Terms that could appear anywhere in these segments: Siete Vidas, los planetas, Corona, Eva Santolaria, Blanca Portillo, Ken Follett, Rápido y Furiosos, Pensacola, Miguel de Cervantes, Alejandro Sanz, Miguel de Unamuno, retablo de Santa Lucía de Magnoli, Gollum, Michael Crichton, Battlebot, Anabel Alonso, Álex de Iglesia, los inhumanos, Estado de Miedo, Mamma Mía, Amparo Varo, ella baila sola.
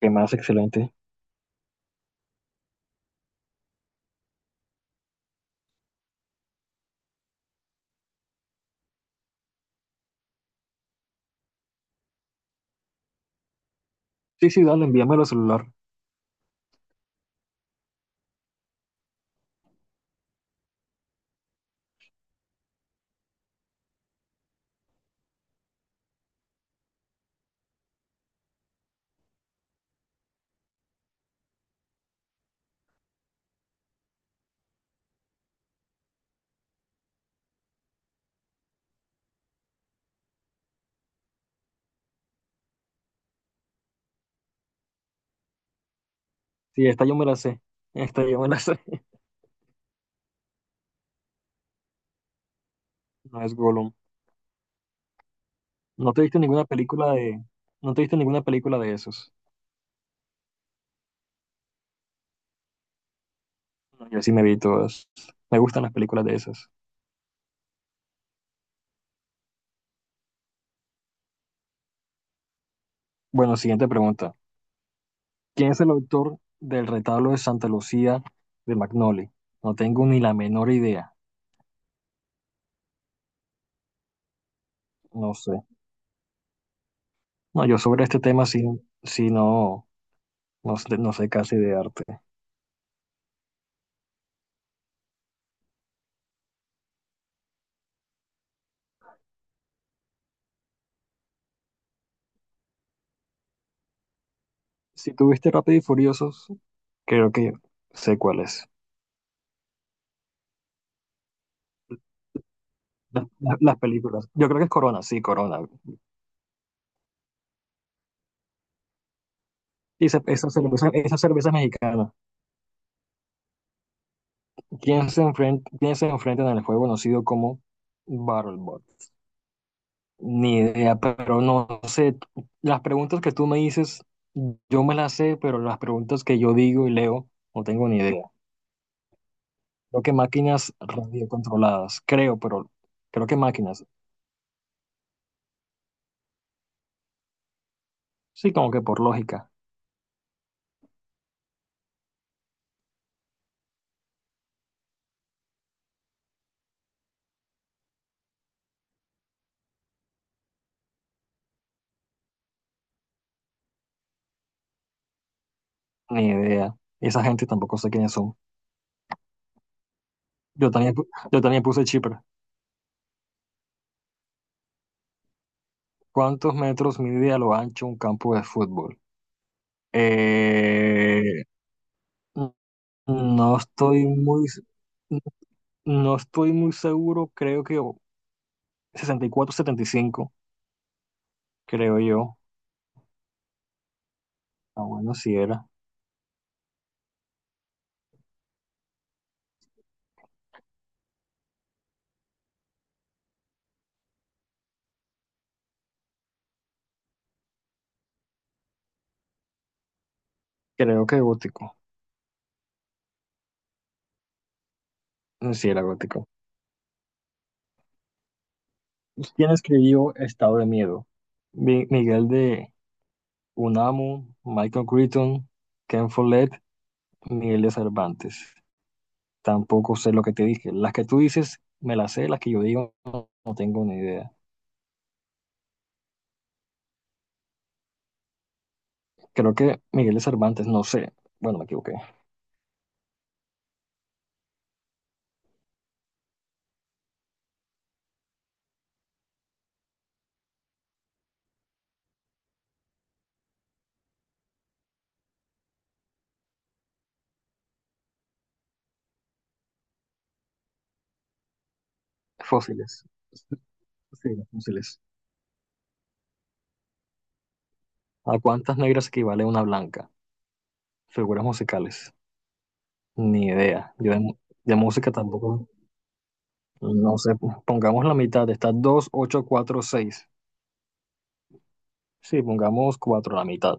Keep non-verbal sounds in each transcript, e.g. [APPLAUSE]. Qué más excelente. Sí, sí, dale, envíamelo al celular. Sí, esta yo me la sé. Esta yo me la sé. [LAUGHS] No es Gollum. ¿No te viste ninguna película de... ¿No te viste ninguna película de esos? No, yo sí me vi todas. Me gustan las películas de esas. Bueno, siguiente pregunta. ¿Quién es el autor del retablo de Santa Lucía de Magnoli? No tengo ni la menor idea. No sé. No, yo sobre este tema sí, sí no, no, no sé casi de arte. Si tuviste Rápido y Furiosos, creo que sé cuál es. Las películas. Yo creo que es Corona, sí, Corona. Y esa, esa cerveza mexicana. Quién se enfrenta en el juego conocido como Battlebot? Ni idea, pero no sé. Las preguntas que tú me dices, yo me las sé, pero las preguntas que yo digo y leo, no tengo ni idea. Creo que máquinas radiocontroladas, creo, pero creo que máquinas. Sí, como que por lógica, ni idea. Esa gente tampoco sé quiénes son. Yo también, yo también puse Chipre. ¿Cuántos metros mide a lo ancho un campo de fútbol? Eh, n- no estoy muy, n- no estoy muy seguro, creo que 64, 75, creo yo. Ah, bueno, si era. Creo que gótico. Si era gótico. ¿Quién escribió Estado de Miedo? Miguel de Unamuno, Michael Crichton, Ken Follett, Miguel de Cervantes. Tampoco sé lo que te dije. Las que tú dices, me las sé, las que yo digo, no tengo ni idea. Creo que Miguel de Cervantes, no sé. Bueno, me equivoqué. Fósiles. Sí, los fósiles. ¿A cuántas negras equivale una blanca? Figuras musicales. Ni idea. De música tampoco. No sé. Pongamos la mitad. Está 2 8 4 seis. Sí, pongamos 4 la mitad.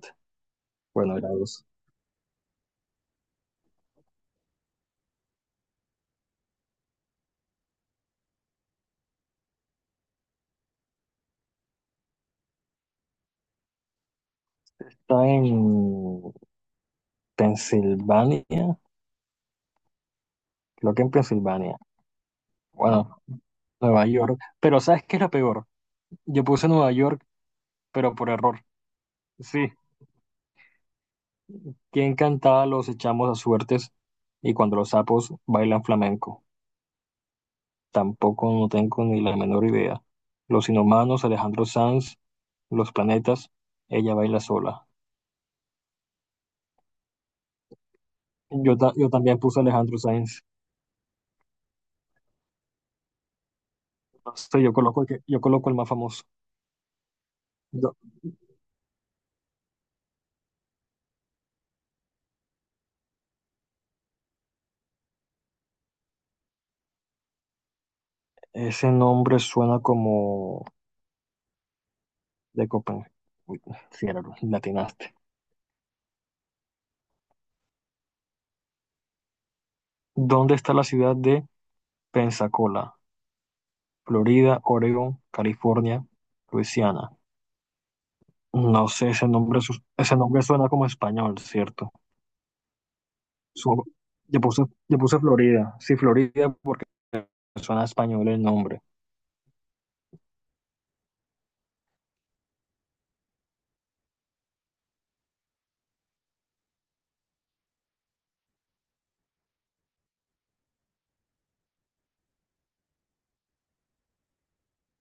Bueno, era dos. Está en Pensilvania. Creo que en Pensilvania. Bueno, Nueva York. Pero ¿sabes qué es lo peor? Yo puse Nueva York, pero por error. Sí. Quien cantaba los echamos a suertes y cuando los sapos bailan flamenco. Tampoco no tengo ni la menor idea. Los inhumanos, Alejandro Sanz, los planetas, ella baila sola. Yo también puse Alejandro Sanz. No sé, yo coloco yo coloco el más famoso. Yo ese nombre suena como de Copenhague. Uy, sí, era, latinaste. ¿Dónde está la ciudad de Pensacola? Florida, Oregon, California, Luisiana. No sé, ese nombre, ese nombre suena como español, ¿cierto? Su- yo puse, yo puse Florida. Sí, Florida porque suena a español el nombre.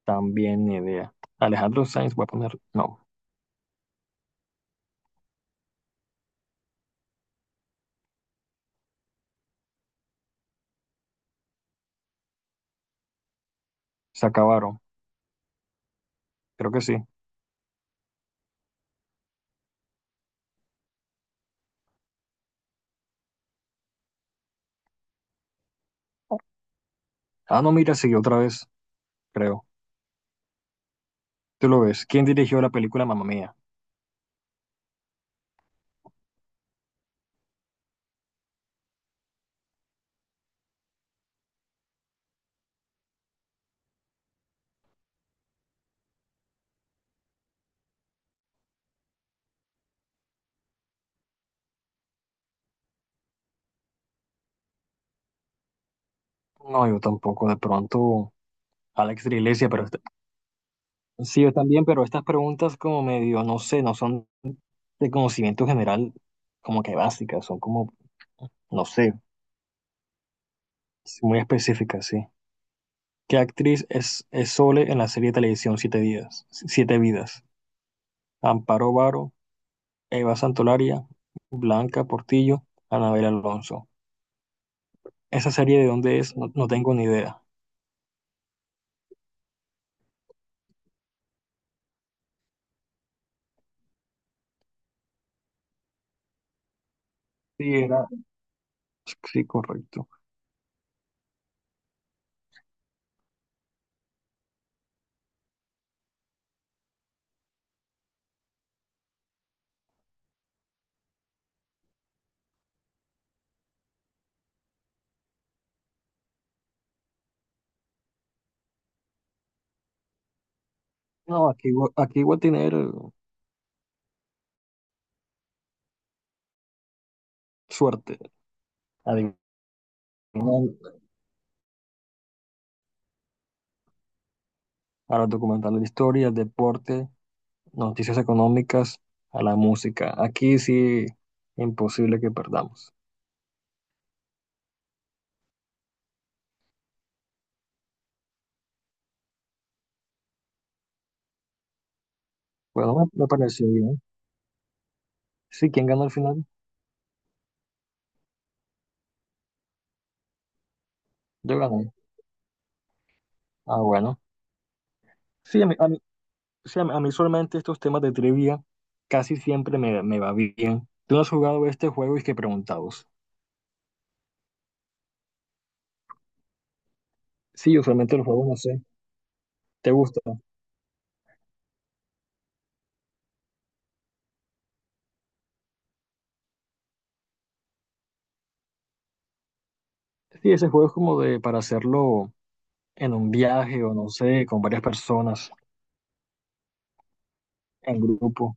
También ni idea. Alejandro Sainz voy a poner. No, se acabaron. Creo que sí. Ah, no, mira, siguió otra vez, creo. Tú lo ves. ¿Quién dirigió la película Mamma Mía? No, yo tampoco. De pronto, Alex de Iglesia, pero sí, yo también, pero estas preguntas como medio, no sé, no son de conocimiento general, como que básicas, son como, no sé, muy específicas, sí. ¿Qué actriz es Sole en la serie de televisión Siete Vidas? Siete Vidas. Amparo Varo, Eva Santolaria, Blanca Portillo, Anabel Alonso. ¿Esa serie de dónde es? No, no tengo ni idea. Sí, era. Sí, correcto. No, aquí, aquí voy a tener suerte. Adivinar a los documentales de historia, deporte, noticias económicas, a la música. Aquí sí, imposible que perdamos. Bueno, me pareció bien. Sí, ¿quién ganó al final? Yo gané. Ah, bueno. Sí, a mí usualmente estos temas de trivia casi siempre me va bien. ¿Tú no has jugado este juego y que preguntados? Sí, usualmente los juegos, no sé, ¿te gusta? Sí, ese juego es como de para hacerlo en un viaje o no sé, con varias personas, en grupo.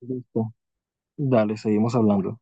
Listo. Dale, seguimos hablando.